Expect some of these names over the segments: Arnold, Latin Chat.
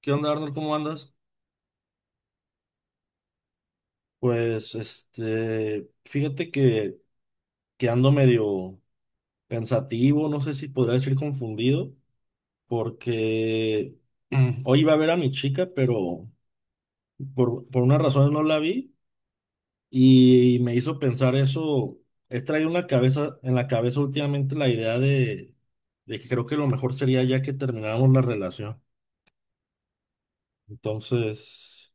¿Qué onda, Arnold? ¿Cómo andas? Pues, este, fíjate que ando medio pensativo. No sé si podría decir confundido, porque hoy iba a ver a mi chica, pero por unas razones no la vi y me hizo pensar eso. He traído en la cabeza, últimamente la idea de que creo que lo mejor sería ya que termináramos la relación. Entonces,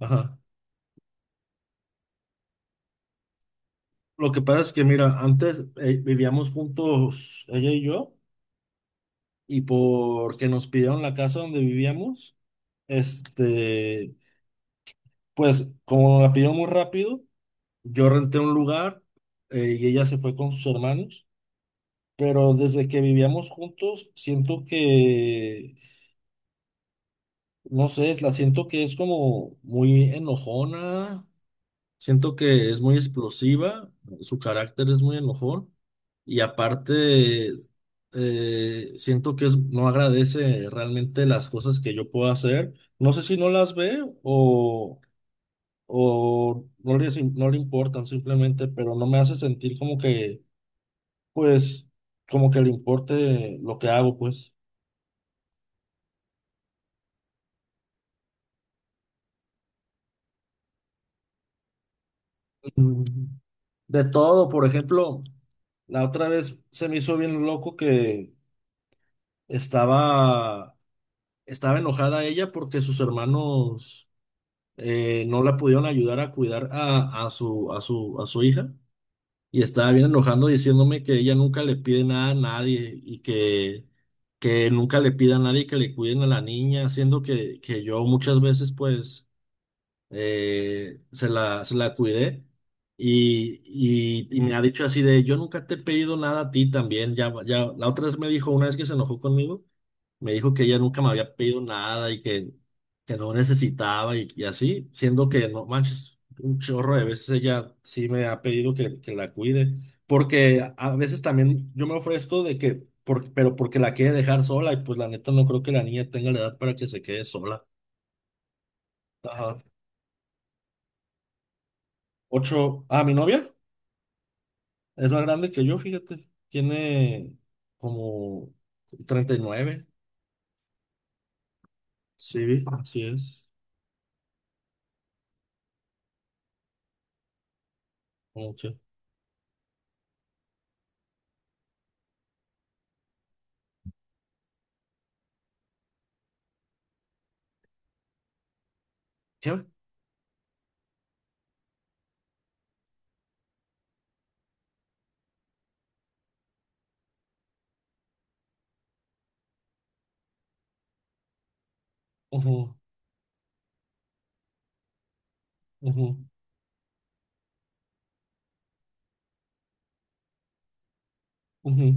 ajá. Lo que pasa es que, mira, antes vivíamos juntos, ella y yo. Y porque nos pidieron la casa donde vivíamos, este, pues como la pidieron muy rápido, yo renté un lugar, y ella se fue con sus hermanos, pero desde que vivíamos juntos, siento que, no sé, la siento que es como muy enojona. Siento que es muy explosiva, su carácter es muy enojón. Y aparte siento que es, no agradece realmente las cosas que yo puedo hacer. No sé si no las ve o no le, no le importan simplemente, pero no me hace sentir como que, pues, como que le importe lo que hago, pues. Mm, de todo. Por ejemplo, la otra vez se me hizo bien loco que estaba... estaba enojada ella porque sus hermanos no la pudieron ayudar a cuidar a su hija. Y estaba bien enojando diciéndome que ella nunca le pide nada a nadie y que nunca le pida a nadie que le cuiden a la niña, siendo que yo muchas veces pues se la cuidé y, y me ha dicho así de, yo nunca te he pedido nada a ti también, ya, ya, la otra vez me dijo, una vez que se enojó conmigo, me dijo que ella nunca me había pedido nada y que no necesitaba y así, siendo que no manches, un chorro de veces ella sí me ha pedido que la cuide, porque a veces también yo me ofrezco de que, pero porque la quiere dejar sola y pues la neta no creo que la niña tenga la edad para que se quede sola. Ajá. 8, ah, mi novia. Es más grande que yo, fíjate. Tiene como 39. Sí, vi, así es. Como que... ¿Qué? Ujú, ujú, ujú.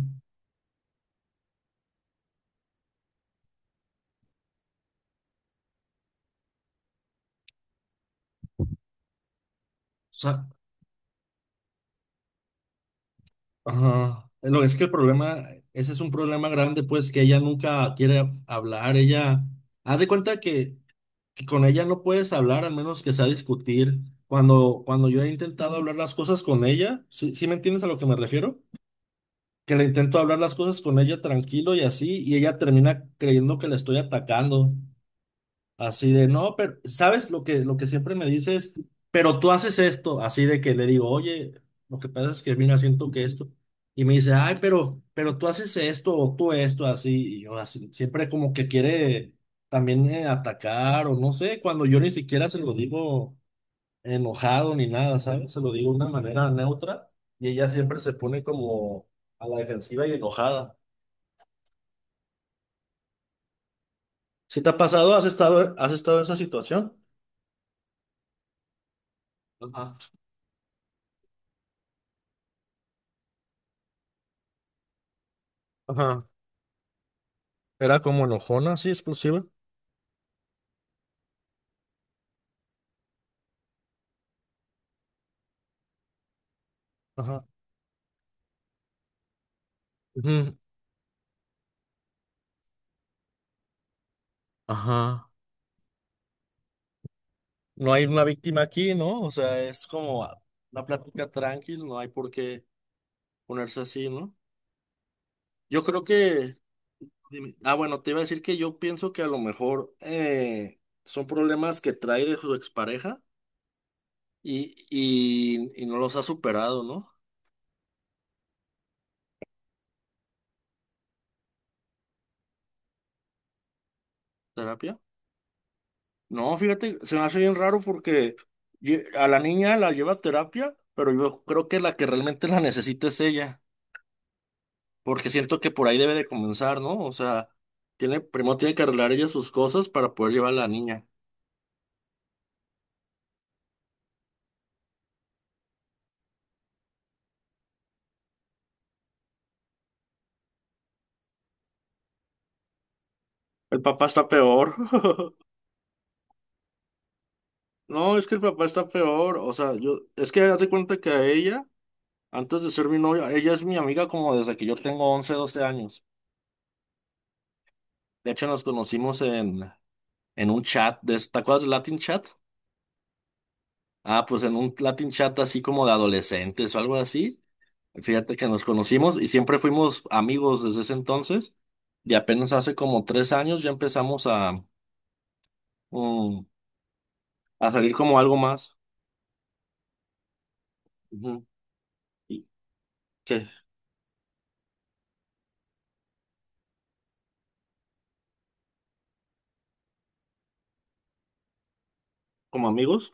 O sea, ajá. Lo es que el problema, ese es un problema grande, pues, que ella nunca quiere hablar. Ella, haz de cuenta que con ella no puedes hablar, al menos que sea discutir. Cuando yo he intentado hablar las cosas con ella, ¿sí, sí me entiendes a lo que me refiero? Que le intento hablar las cosas con ella tranquilo y así, y ella termina creyendo que le estoy atacando. Así de, no, pero, ¿sabes lo que siempre me dices? Pero tú haces esto, así de que le digo, oye, lo que pasa es que mira, siento que esto. Y me dice, ay, pero, tú haces esto o tú esto, así, y yo así, siempre como que quiere también atacar o no sé, cuando yo ni siquiera se lo digo enojado ni nada, ¿sabes? Se lo digo de una manera neutra y ella siempre se pone como a la defensiva y enojada. ¿Si te ha pasado? ¿ Has estado en esa situación? Ajá. Ajá. Era como enojona, así, explosiva. Ajá. Ujú. Ajá. No hay una víctima aquí, ¿no? O sea, es como una plática tranquila, no hay por qué ponerse así, ¿no? Yo creo que, dime. Ah, bueno, te iba a decir que yo pienso que a lo mejor son problemas que trae de su expareja. Y, y no los ha superado, ¿no? ¿Terapia? No, fíjate, se me hace bien raro porque a la niña la lleva a terapia, pero yo creo que la que realmente la necesita es ella, porque siento que por ahí debe de comenzar, ¿no? O sea, tiene, primero tiene que arreglar ella sus cosas para poder llevar a la niña. El papá está peor. No, es que el papá está peor. O sea, yo, es que date cuenta que a ella, antes de ser mi novia, ella es mi amiga como desde que yo tengo 11 12 años. De hecho, nos conocimos en un chat de, ¿te acuerdas del Latin Chat? Ah, pues en un Latin Chat así como de adolescentes o algo así. Fíjate que nos conocimos y siempre fuimos amigos desde ese entonces. Y apenas hace como 3 años ya empezamos a, mm, a salir como algo más. Ujú. ¿Y qué? ¿Como amigos?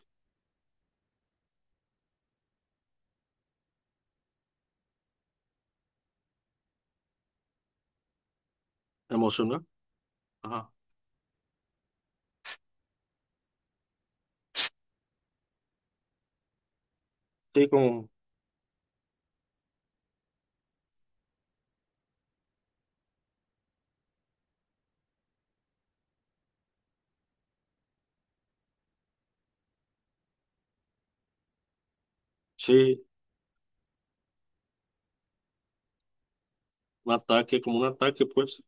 ¿Emocional? Ajá. Sí, como, sí, un ataque, como un ataque, pues.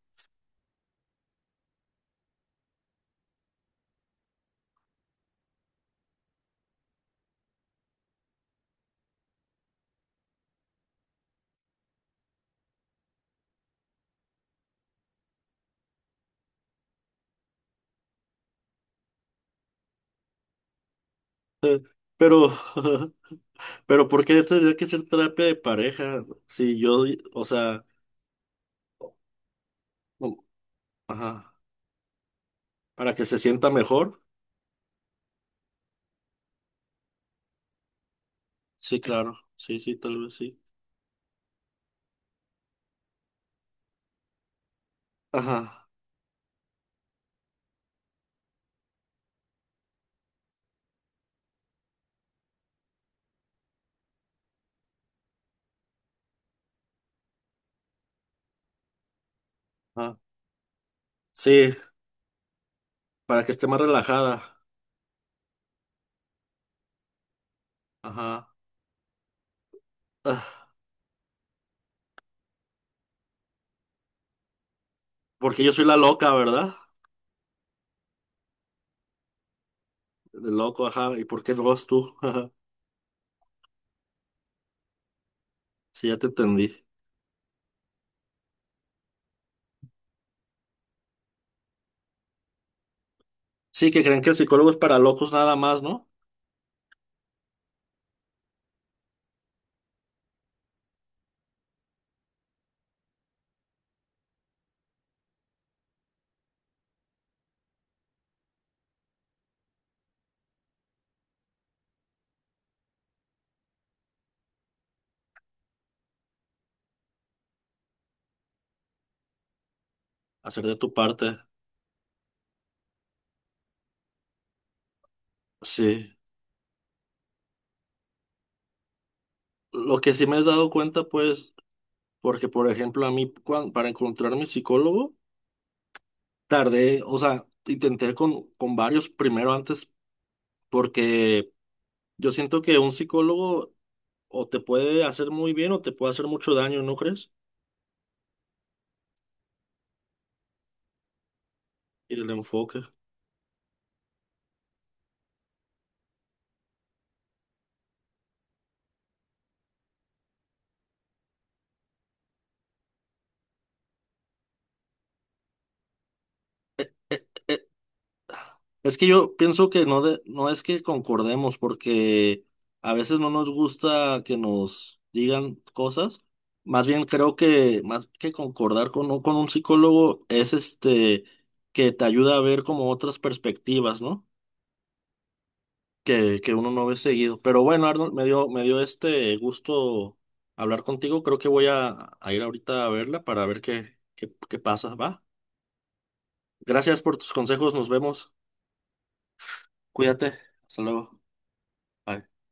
Pero, pero ¿por qué tendría que ser terapia de pareja? Si yo, o sea, no, ajá, para que se sienta mejor. Sí, claro. Sí, sí, tal vez sí. Ajá, ajá. Sí, para que esté más relajada. Ajá. Ah, porque yo soy la loca, ¿verdad? El loco, ajá. ¿Y por qué no vas tú? Ajá. Sí, ya te entendí. Sí, que creen que el psicólogo es para locos nada más, ¿no? Hacer de tu parte. Sí. Lo que sí me has dado cuenta, pues, porque, por ejemplo, a mí, para encontrar mi psicólogo, tardé, o sea, intenté con varios primero antes, porque yo siento que un psicólogo o te puede hacer muy bien o te puede hacer mucho daño, ¿no crees? Y el enfoque. Eh, Es que yo pienso que no, de, no es que concordemos, porque a veces no nos gusta que nos digan cosas. Más bien creo que más que concordar con, con un psicólogo es este que te ayuda a ver como otras perspectivas, ¿no? Que uno no ve seguido. Pero bueno, Arnold, me dio este gusto hablar contigo. Creo que voy a ir ahorita a verla para ver qué pasa, ¿va? Gracias por tus consejos, nos vemos. Cuídate. Hasta luego. Bye.